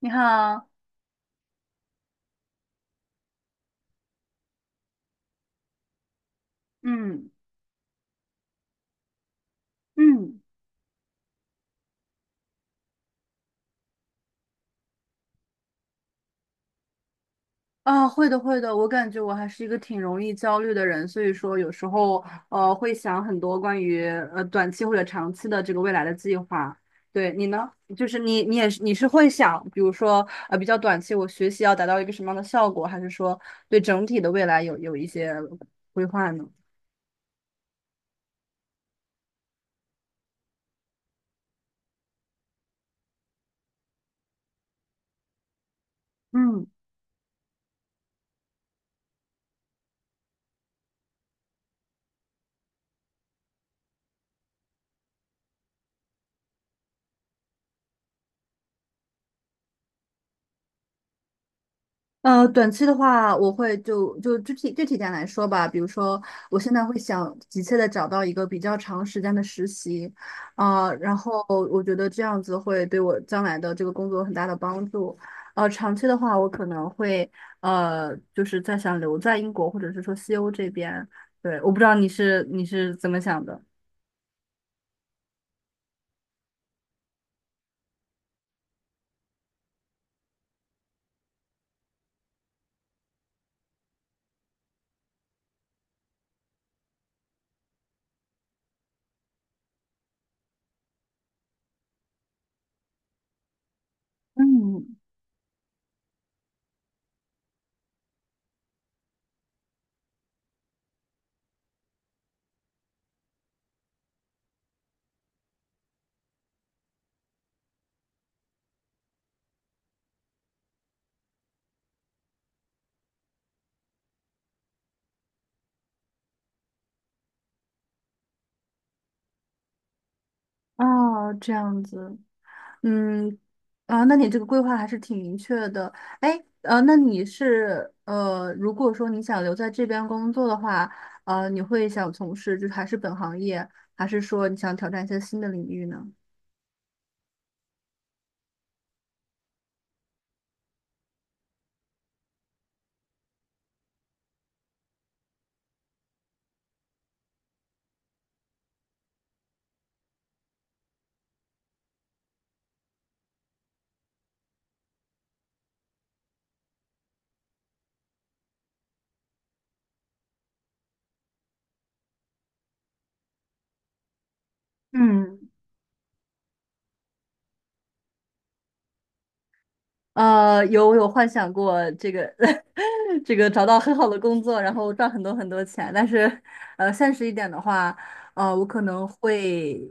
你好，嗯嗯啊，会的会的，我感觉我还是一个挺容易焦虑的人，所以说有时候会想很多关于短期或者长期的这个未来的计划。对你呢，就是你是会想，比如说比较短期，我学习要达到一个什么样的效果，还是说对整体的未来有一些规划呢？嗯短期的话，我会就具体点来说吧，比如说，我现在会想急切的找到一个比较长时间的实习，啊、然后我觉得这样子会对我将来的这个工作有很大的帮助。长期的话，我可能会就是在想留在英国或者是说西欧这边。对，我不知道你是怎么想的。嗯，哦，这样子，嗯，啊，那你这个规划还是挺明确的。哎，那你是如果说你想留在这边工作的话，你会想从事就是还是本行业，还是说你想挑战一些新的领域呢？嗯。有我有幻想过这个，这个找到很好的工作，然后赚很多很多钱，但是，现实一点的话，呃，我可能会，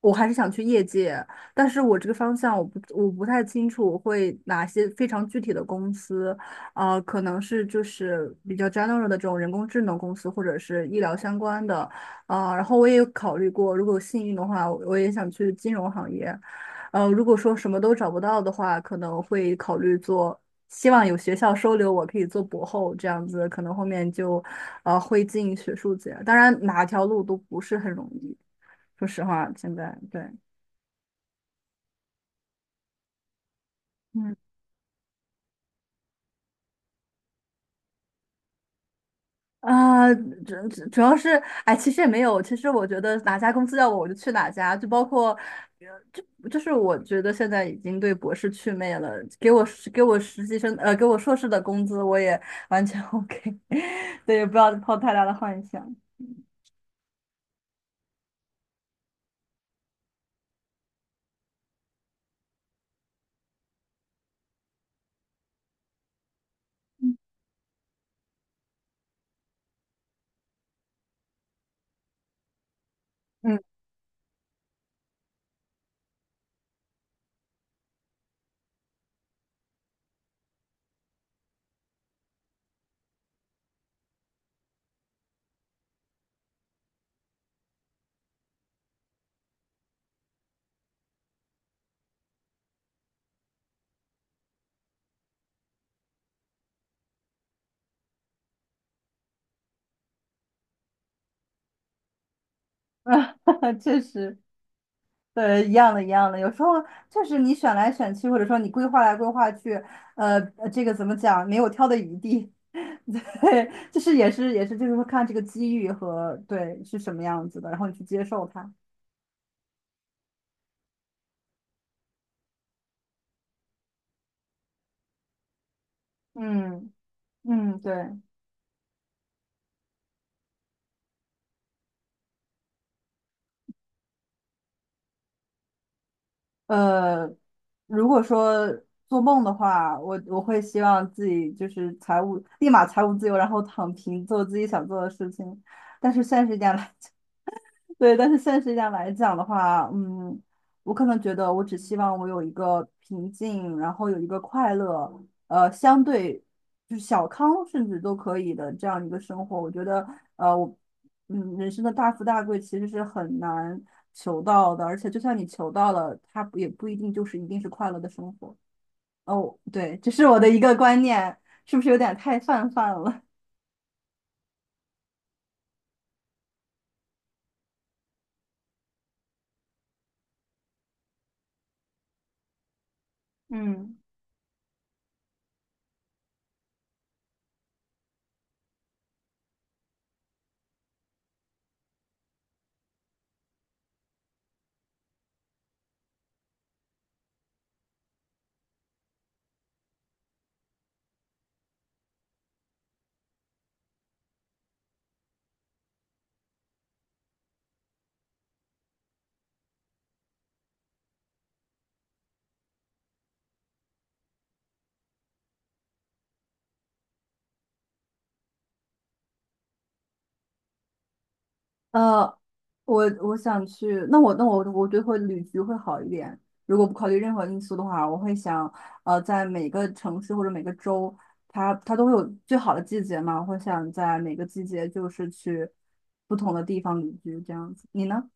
我还是想去业界，但是我这个方向我不太清楚会哪些非常具体的公司，可能是就是比较 general 的这种人工智能公司或者是医疗相关的，啊、然后我也有考虑过，如果有幸运的话，我也想去金融行业。如果说什么都找不到的话，可能会考虑做，希望有学校收留我，可以做博后这样子，可能后面就，会进学术界。当然，哪条路都不是很容易，说实话，现在对，嗯。啊，主要是，哎，其实也没有。其实我觉得哪家公司要我，我就去哪家。就包括，呃就是我觉得现在已经对博士祛魅了。给我给我实习生，给我硕士的工资，我也完全 OK。对，也不要抱太大的幻想。嗯，啊，确实，对，一样的，一样的。有时候确实你选来选去，或者说你规划来规划去，这个怎么讲，没有挑的余地。对，就是也是，就是说看这个机遇和对是什么样子的，然后你去接受它。嗯嗯，对。呃，如果说做梦的话，我会希望自己就是财务自由，然后躺平做自己想做的事情。但是现实一点来对，但是现实一点来讲的话，嗯，我可能觉得我只希望我有一个平静，然后有一个快乐，相对就是小康甚至都可以的这样一个生活。我觉得，呃，我，嗯，人生的大富大贵其实是很难求到的，而且就算你求到了，它不一定就是一定是快乐的生活。哦，对，这是我的一个观念，是不是有点太泛泛了？嗯。呃，我想去，那我我觉得会旅居会好一点。如果不考虑任何因素的话，我会想，在每个城市或者每个州，它都会有最好的季节嘛，我会想在每个季节就是去不同的地方旅居这样子。你呢？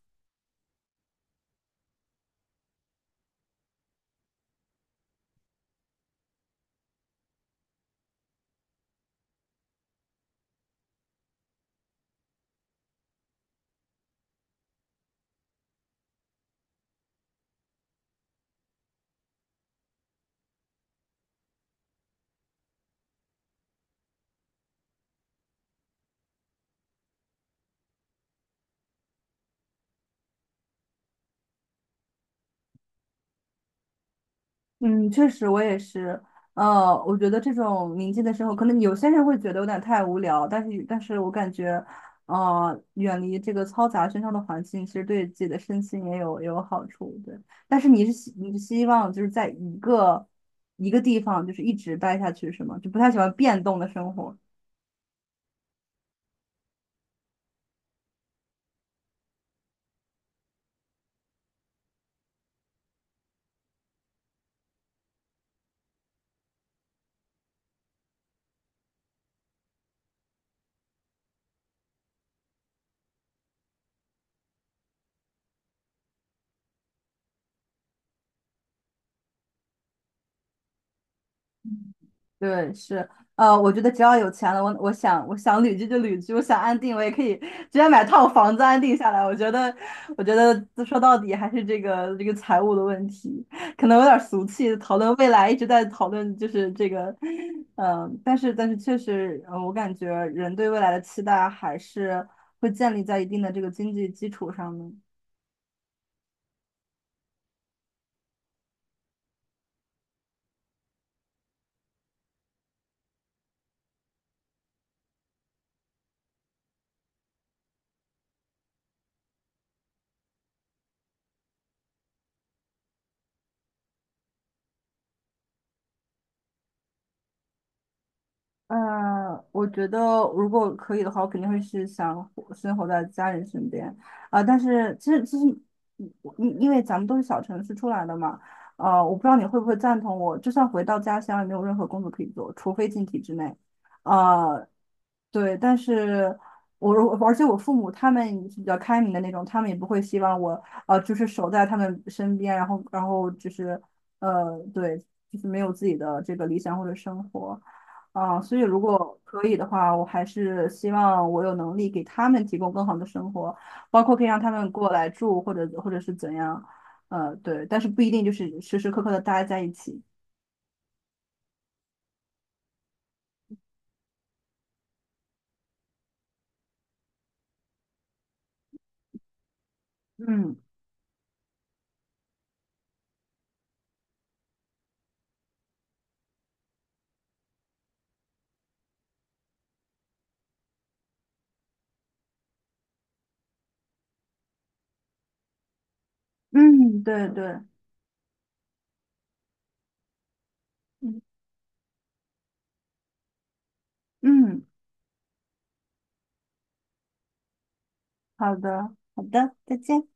嗯，确实，我也是。我觉得这种宁静的生活，可能有些人会觉得有点太无聊，但是，但是我感觉，远离这个嘈杂喧嚣的环境，其实对自己的身心也有好处。对，但是你是希望就是在一个地方，就是一直待下去，是吗？就不太喜欢变动的生活。对，是，我觉得只要有钱了，我想旅居就旅居，我想安定，我也可以直接买套房子安定下来。我觉得说到底还是这个财务的问题，可能有点俗气，讨论未来一直在讨论就是这个，嗯、但是但是确实，我感觉人对未来的期待还是会建立在一定的这个经济基础上的。我觉得如果可以的话，我肯定会是想活生活在家人身边啊、但是其实，你因为咱们都是小城市出来的嘛，我不知道你会不会赞同我，就算回到家乡，也没有任何工作可以做，除非进体制内。呃，对，但是而且我父母他们是比较开明的那种，他们也不会希望我就是守在他们身边，然后就是呃对，就是没有自己的这个理想或者生活。啊，所以如果可以的话，我还是希望我有能力给他们提供更好的生活，包括可以让他们过来住，或者是怎样，对，但是不一定就是时时刻刻的待在一起。嗯嗯，对对，嗯嗯，好的好的，再见。